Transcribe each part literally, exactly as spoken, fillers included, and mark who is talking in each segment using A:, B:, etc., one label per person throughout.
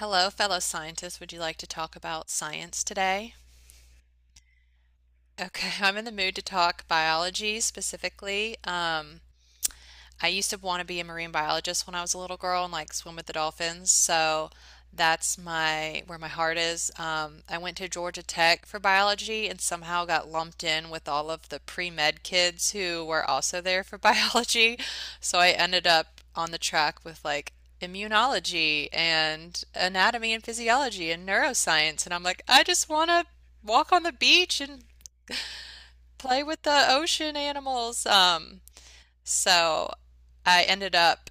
A: Hello, fellow scientists. Would you like to talk about science today? Okay, I'm in the mood to talk biology specifically. Um, I used to want to be a marine biologist when I was a little girl and like swim with the dolphins. So that's my where my heart is. Um, I went to Georgia Tech for biology and somehow got lumped in with all of the pre-med kids who were also there for biology. So I ended up on the track with like immunology and anatomy and physiology and neuroscience. And I'm like, I just want to walk on the beach and play with the ocean animals. Um, so I ended up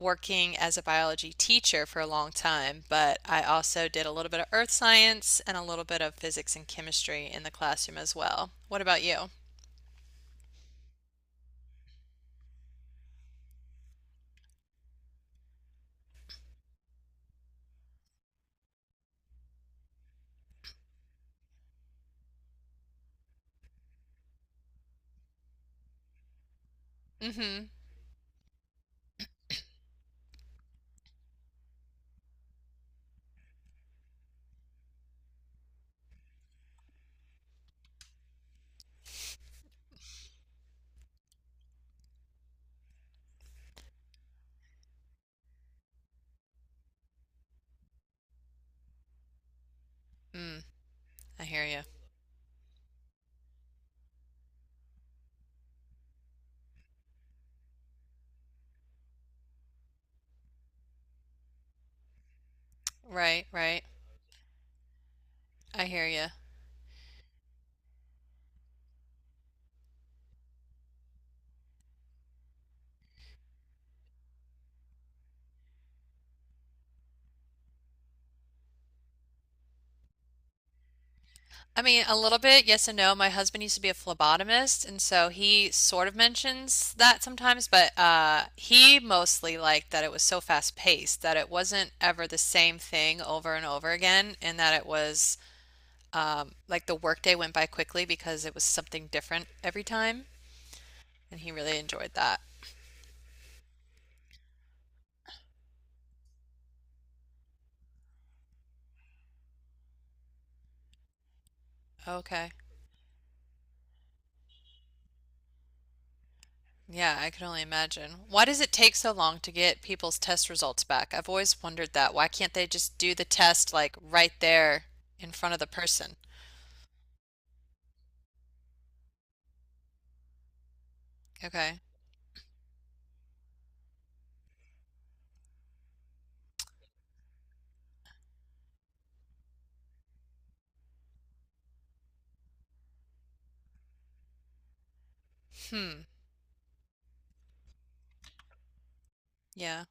A: working as a biology teacher for a long time, but I also did a little bit of earth science and a little bit of physics and chemistry in the classroom as well. What about you? Mm-hmm. Mm, I hear you. Right, right. I hear you. I mean, a little bit, yes and no. My husband used to be a phlebotomist, and so he sort of mentions that sometimes, but uh, he mostly liked that it was so fast paced that it wasn't ever the same thing over and over again, and that it was um, like the workday went by quickly because it was something different every time, and he really enjoyed that. Okay. Yeah, I can only imagine. Why does it take so long to get people's test results back? I've always wondered that. Why can't they just do the test like right there in front of the person? Okay. Hmm. Yeah.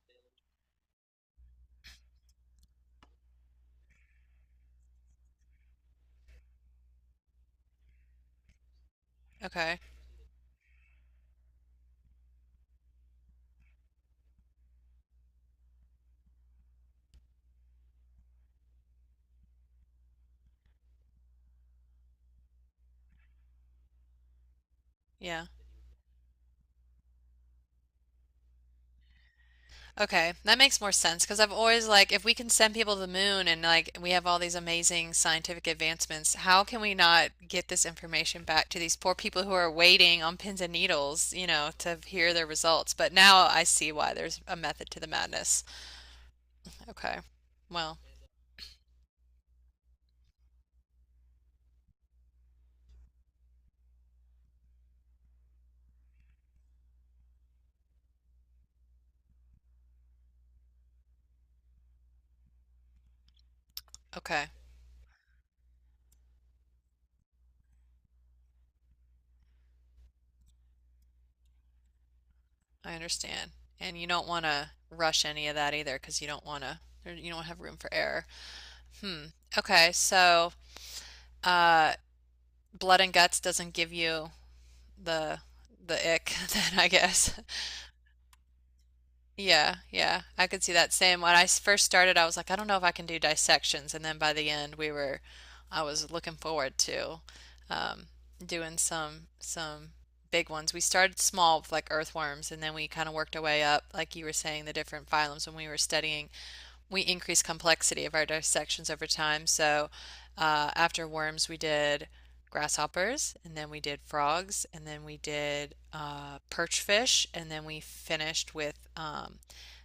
A: Okay. Yeah. Okay, that makes more sense because I've always like, if we can send people to the moon and like we have all these amazing scientific advancements, how can we not get this information back to these poor people who are waiting on pins and needles, you know, to hear their results? But now I see why there's a method to the madness. Okay, well, okay, I understand. And you don't want to rush any of that either because you don't want to, you don't have room for error. Hmm. Okay, so uh, blood and guts doesn't give you the the ick then I guess. Yeah, yeah. I could see that same. When I s- first started, I was like, I don't know if I can do dissections, and then by the end, we were, I was looking forward to um, doing some some big ones. We started small with like earthworms, and then we kind of worked our way up, like you were saying, the different phylums when we were studying we increase complexity of our dissections over time. So uh, after worms, we did grasshoppers, and then we did frogs, and then we did uh, perch fish, and then we finished with um,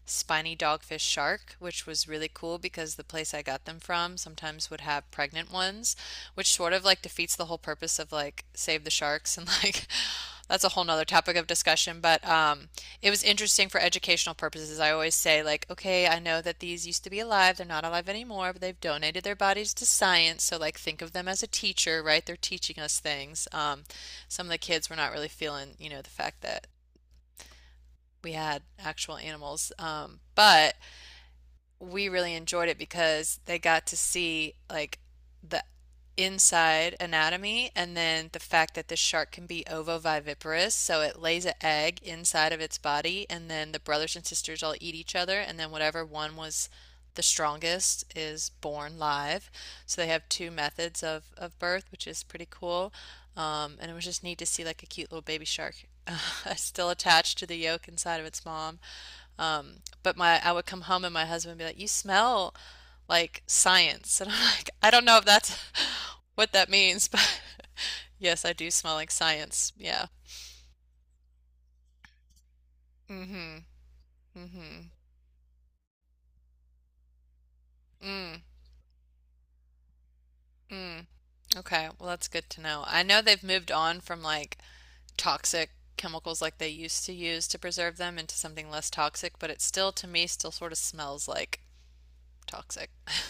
A: spiny dogfish shark, which was really cool because the place I got them from sometimes would have pregnant ones, which sort of like defeats the whole purpose of like save the sharks and like that's a whole nother topic of discussion. But um, it was interesting for educational purposes. I always say like, okay, I know that these used to be alive, they're not alive anymore, but they've donated their bodies to science, so like think of them as a teacher, right? They're teaching us things. Um, some of the kids were not really feeling, you know, the fact that we had actual animals. Um, but we really enjoyed it because they got to see like the inside anatomy and then the fact that the shark can be ovoviviparous, so it lays an egg inside of its body and then the brothers and sisters all eat each other and then whatever one was the strongest is born live. So they have two methods of, of birth, which is pretty cool. Um, and it was just neat to see like a cute little baby shark still attached to the yolk inside of its mom. Um, but my I would come home and my husband would be like, "You smell like science." And I'm like, "I don't know if that's what that means, but yes, I do smell like science." Yeah. Mm-hmm. Mm-hmm. Mm. Mm. Okay. Well, that's good to know. I know they've moved on from like toxic chemicals like they used to use to preserve them into something less toxic, but it still to me still sort of smells like toxic.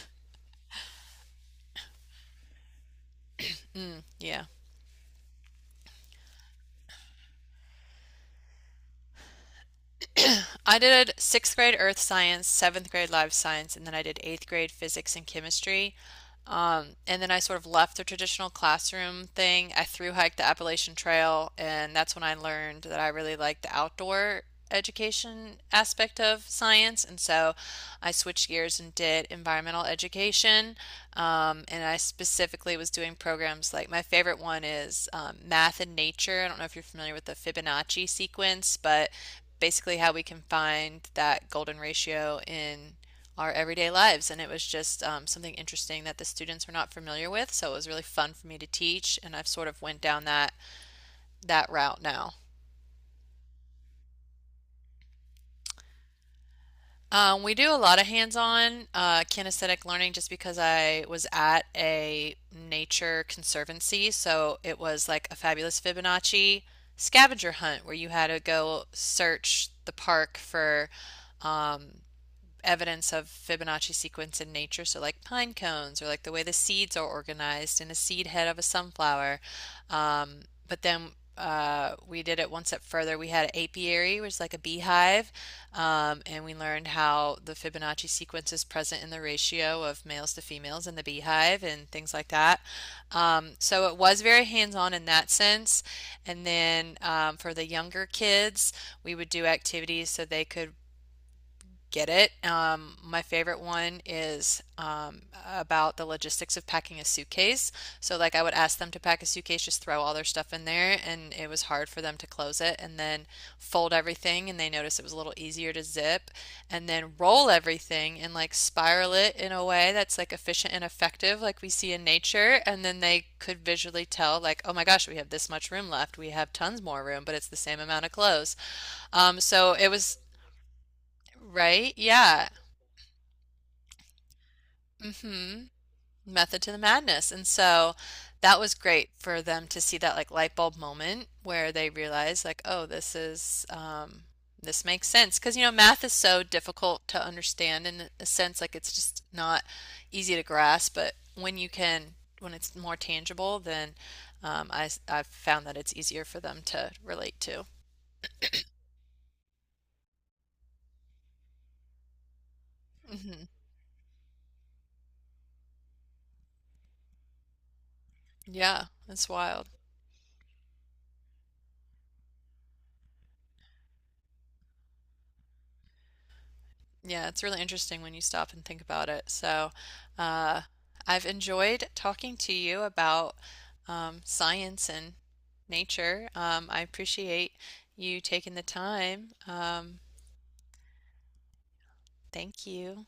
A: Yeah. I did sixth grade earth science, seventh grade life science, and then I did eighth grade physics and chemistry. Um, and then I sort of left the traditional classroom thing. I thru hiked the Appalachian Trail, and that's when I learned that I really liked the outdoor education aspect of science. And so I switched gears and did environmental education. Um, and I specifically was doing programs like my favorite one is um, math and nature. I don't know if you're familiar with the Fibonacci sequence, but basically how we can find that golden ratio in our everyday lives. And it was just um, something interesting that the students were not familiar with. So it was really fun for me to teach, and I've sort of went down that that route now. Um, we do a lot of hands-on uh, kinesthetic learning just because I was at a nature conservancy, so it was like a fabulous Fibonacci scavenger hunt where you had to go search the park for um, evidence of Fibonacci sequence in nature. So, like pine cones, or like the way the seeds are organized in a seed head of a sunflower. Um, but then uh, we did it one step further. We had an apiary, which is like a beehive, um, and we learned how the Fibonacci sequence is present in the ratio of males to females in the beehive and things like that. Um, so it was very hands on in that sense. And then um, for the younger kids, we would do activities so they could get it. Um, my favorite one is um, about the logistics of packing a suitcase. So, like, I would ask them to pack a suitcase, just throw all their stuff in there, and it was hard for them to close it, and then fold everything, and they noticed it was a little easier to zip, and then roll everything and like spiral it in a way that's like efficient and effective, like we see in nature, and then they could visually tell, like, oh my gosh, we have this much room left, we have tons more room, but it's the same amount of clothes. Um, so it was. Right? Yeah. hmm Method to the madness. And so that was great for them to see that like light bulb moment where they realize like, oh, this is um this makes sense. Because you know, math is so difficult to understand in a sense, like it's just not easy to grasp, but when you can when it's more tangible, then um, I, I've found that it's easier for them to relate to. Hmm Yeah, that's wild. Yeah, it's really interesting when you stop and think about it. So, uh, I've enjoyed talking to you about um, science and nature. Um, I appreciate you taking the time. Um, thank you.